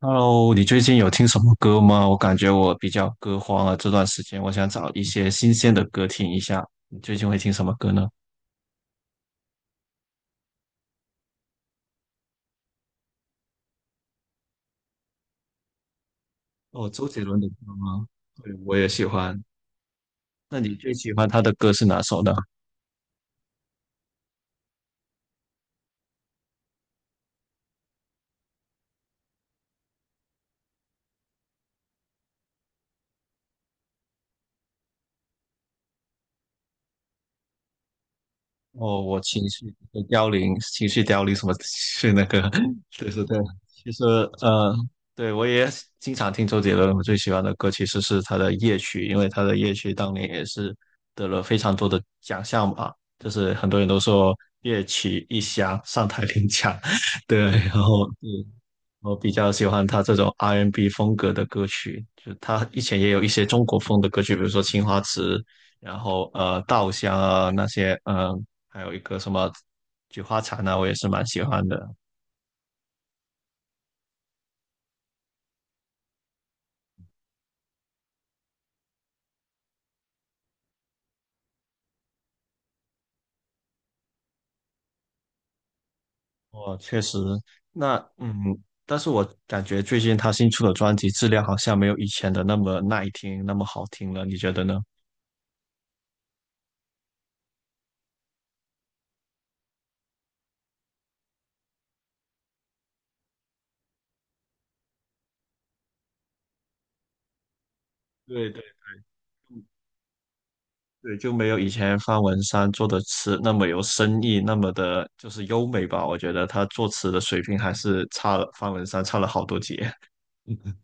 Hello，你最近有听什么歌吗？我感觉我比较歌荒啊，这段时间我想找一些新鲜的歌听一下。你最近会听什么歌呢？哦，周杰伦的歌吗？对，我也喜欢。那你最喜欢他的歌是哪首呢？哦，我情绪的凋零，情绪凋零什么是那个，对对对，其实呃，对我也经常听周杰伦，我最喜欢的歌其实是他的《夜曲》，因为他的《夜曲》当年也是得了非常多的奖项吧，就是很多人都说《夜曲》一响上台领奖，对，然后对我比较喜欢他这种 R&B n 风格的歌曲，就他以前也有一些中国风的歌曲，比如说《青花瓷》，然后《稻香》啊那些，嗯，还有一个什么《菊花残》啊，我也是蛮喜欢的。我确实，那但是我感觉最近他新出的专辑质量好像没有以前的那么耐听，那么好听了，你觉得呢？对对对，就没有以前方文山做的词那么有深意，那么的就是优美吧。我觉得他作词的水平还是差了，方文山差了好多节。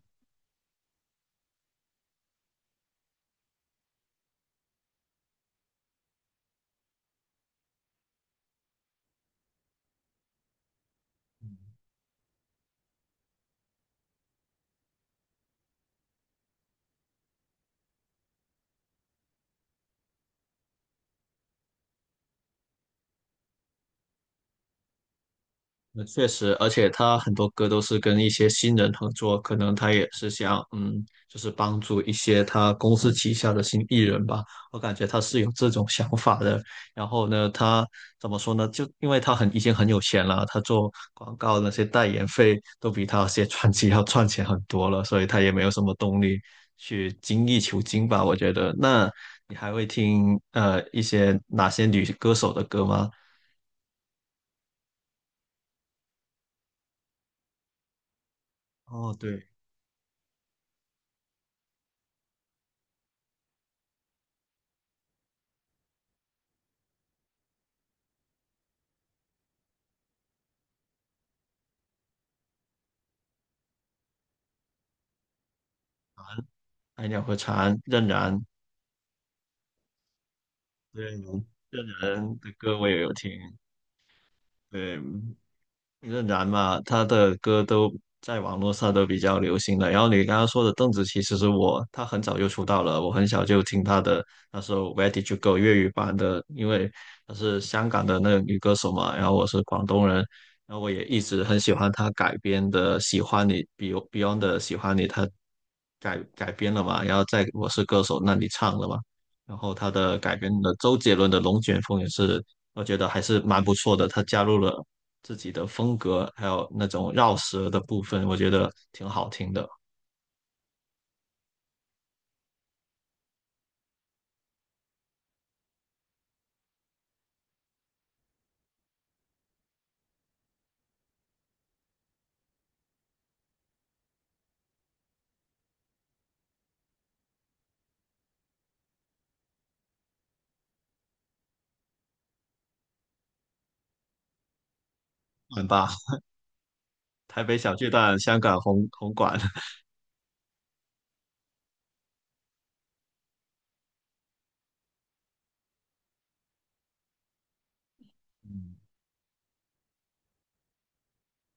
那确实，而且他很多歌都是跟一些新人合作，可能他也是想，嗯，就是帮助一些他公司旗下的新艺人吧。我感觉他是有这种想法的。然后呢，他怎么说呢？就因为他已经很有钱了，他做广告那些代言费都比他写专辑要赚钱很多了，所以他也没有什么动力去精益求精吧。我觉得，那你还会听一些哪些女歌手的歌吗？哦，对，《爱鸟和蝉》、《任然》对，这人的歌我也有听，对，任然嘛，他的歌都在网络上都比较流行的。然后你刚刚说的邓紫棋，其实我她很早就出道了，我很小就听她的那首《Where Did You Go》粤语版的，因为她是香港的那个女歌手嘛，然后我是广东人，然后我也一直很喜欢她改编的《喜欢你》，y o n d Beyond 的《喜欢你》，她改编了嘛，然后在《我是歌手》那里唱了嘛，然后她的改编的周杰伦的《龙卷风》也是。我觉得还是蛮不错的，她加入了自己的风格，还有那种绕舌的部分，我觉得挺好听的，很棒。台北小巨蛋、香港红馆，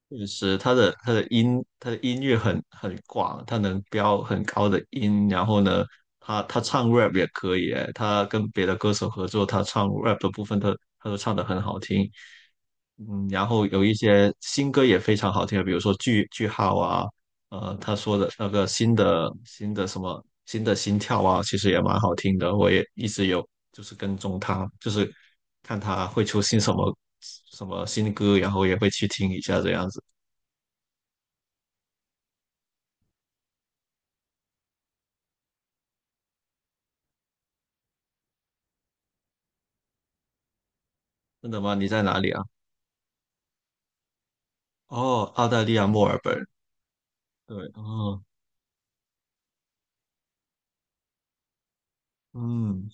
确实，他的音域很广，他能飙很高的音，然后呢，他唱 rap 也可以诶，他跟别的歌手合作，他唱 rap 的部分他都唱得很好听，嗯，然后有一些新歌也非常好听，比如说句号啊，他说的那个新的什么新的心跳啊，其实也蛮好听的，我也一直有就是跟踪他，就是看他会出新什么什么新歌，然后也会去听一下这样子。真的吗？你在哪里啊？哦，澳大利亚墨尔本。对，哦，嗯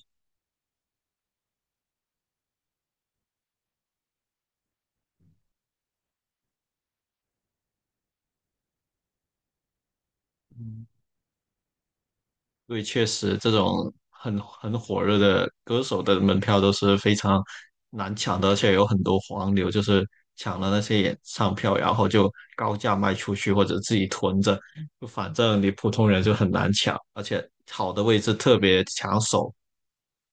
嗯，对，确实这种很火热的歌手的门票都是非常难抢的，而且有很多黄牛，就是抢了那些演唱票，然后就高价卖出去或者自己囤着，就反正你普通人就很难抢，而且好的位置特别抢手，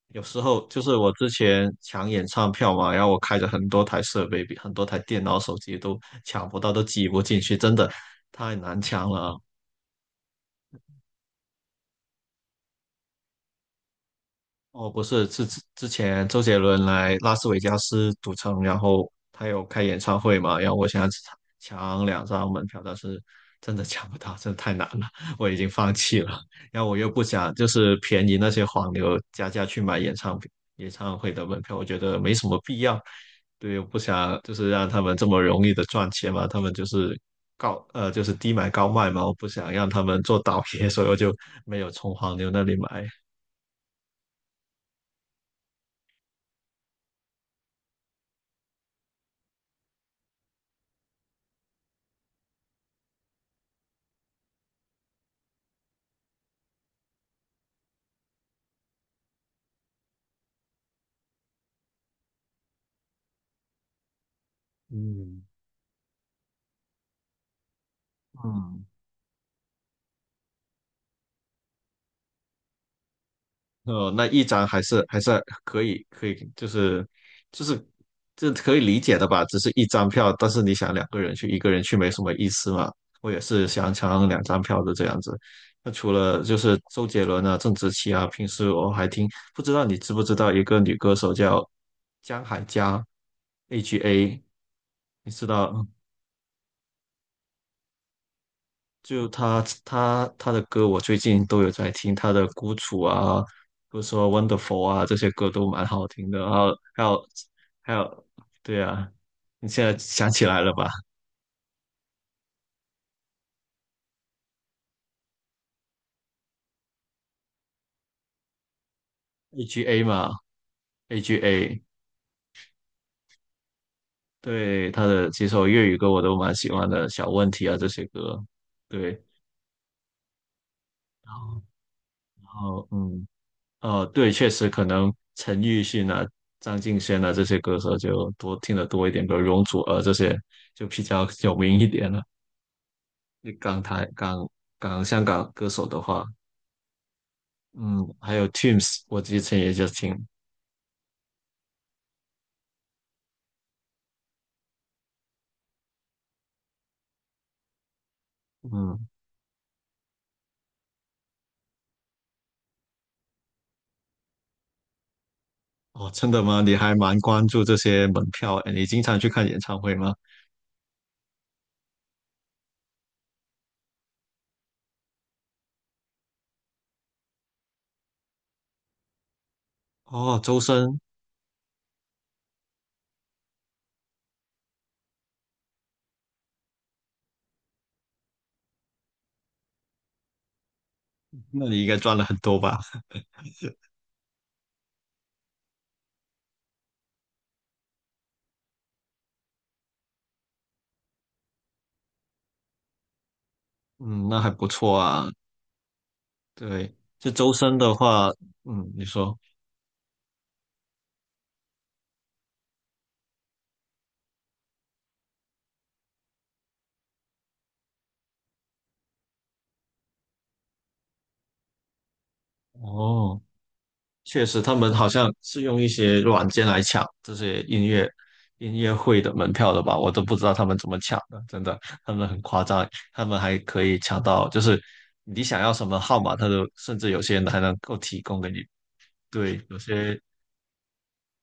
有时候就是我之前抢演唱票嘛，然后我开着很多台设备，比很多台电脑、手机都抢不到，都挤不进去，真的太难抢了。哦，不是，是之前周杰伦来拉斯维加斯赌城，然后他有开演唱会嘛，然后我想抢两张门票，但是真的抢不到，真的太难了，我已经放弃了。然后我又不想就是便宜那些黄牛加价去买演唱会的门票，我觉得没什么必要。对，我不想就是让他们这么容易的赚钱嘛，他们就是高就是低买高卖嘛，我不想让他们做倒 爷，所以我就没有从黄牛那里买。嗯，嗯。那一张还是可以，可以，就是就是这可以理解的吧？只是一张票，但是你想两个人去，一个人去没什么意思嘛。我也是想抢两张票的这样子。那除了就是周杰伦啊、郑智棋啊，平时我还听，不知道你知不知道一个女歌手叫江海佳 h A，你知道？就他的歌，我最近都有在听，他的《孤楚》啊，比如说《Wonderful》啊，这些歌都蛮好听的。然后还有，对啊，你现在想起来了吧？AGA 嘛，AGA，对他的几首粤语歌我都蛮喜欢的，《小问题》啊这些歌，对。然后然后对，确实可能陈奕迅啊、张敬轩啊这些歌手就多听得多一点，比如容祖儿这些就比较有名一点了。你港台、香港歌手的话，嗯，还有 Teams，我之前也就听，嗯，哦，真的吗？你还蛮关注这些门票，哎，你经常去看演唱会吗？哦，周深，那你应该赚了很多吧？嗯，那还不错啊。对，这周深的话，嗯，你说，哦。确实，他们好像是用一些软件来抢这些音乐会的门票的吧？我都不知道他们怎么抢的，真的，他们很夸张，他们还可以抢到，就是你想要什么号码，他都甚至有些人还能够提供给你。对，有些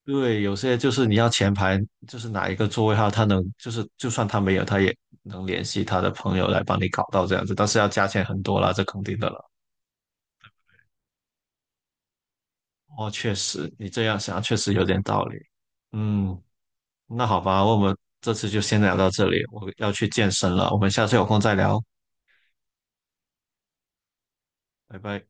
对，有些就是你要前排，就是哪一个座位号，他能就是就算他没有，他也能联系他的朋友来帮你搞到这样子，但是要加钱很多啦，这肯定的了。哦，确实，你这样想确实有点道理。嗯。那好吧，我们这次就先聊到这里，我要去健身了，我们下次有空再聊，拜拜。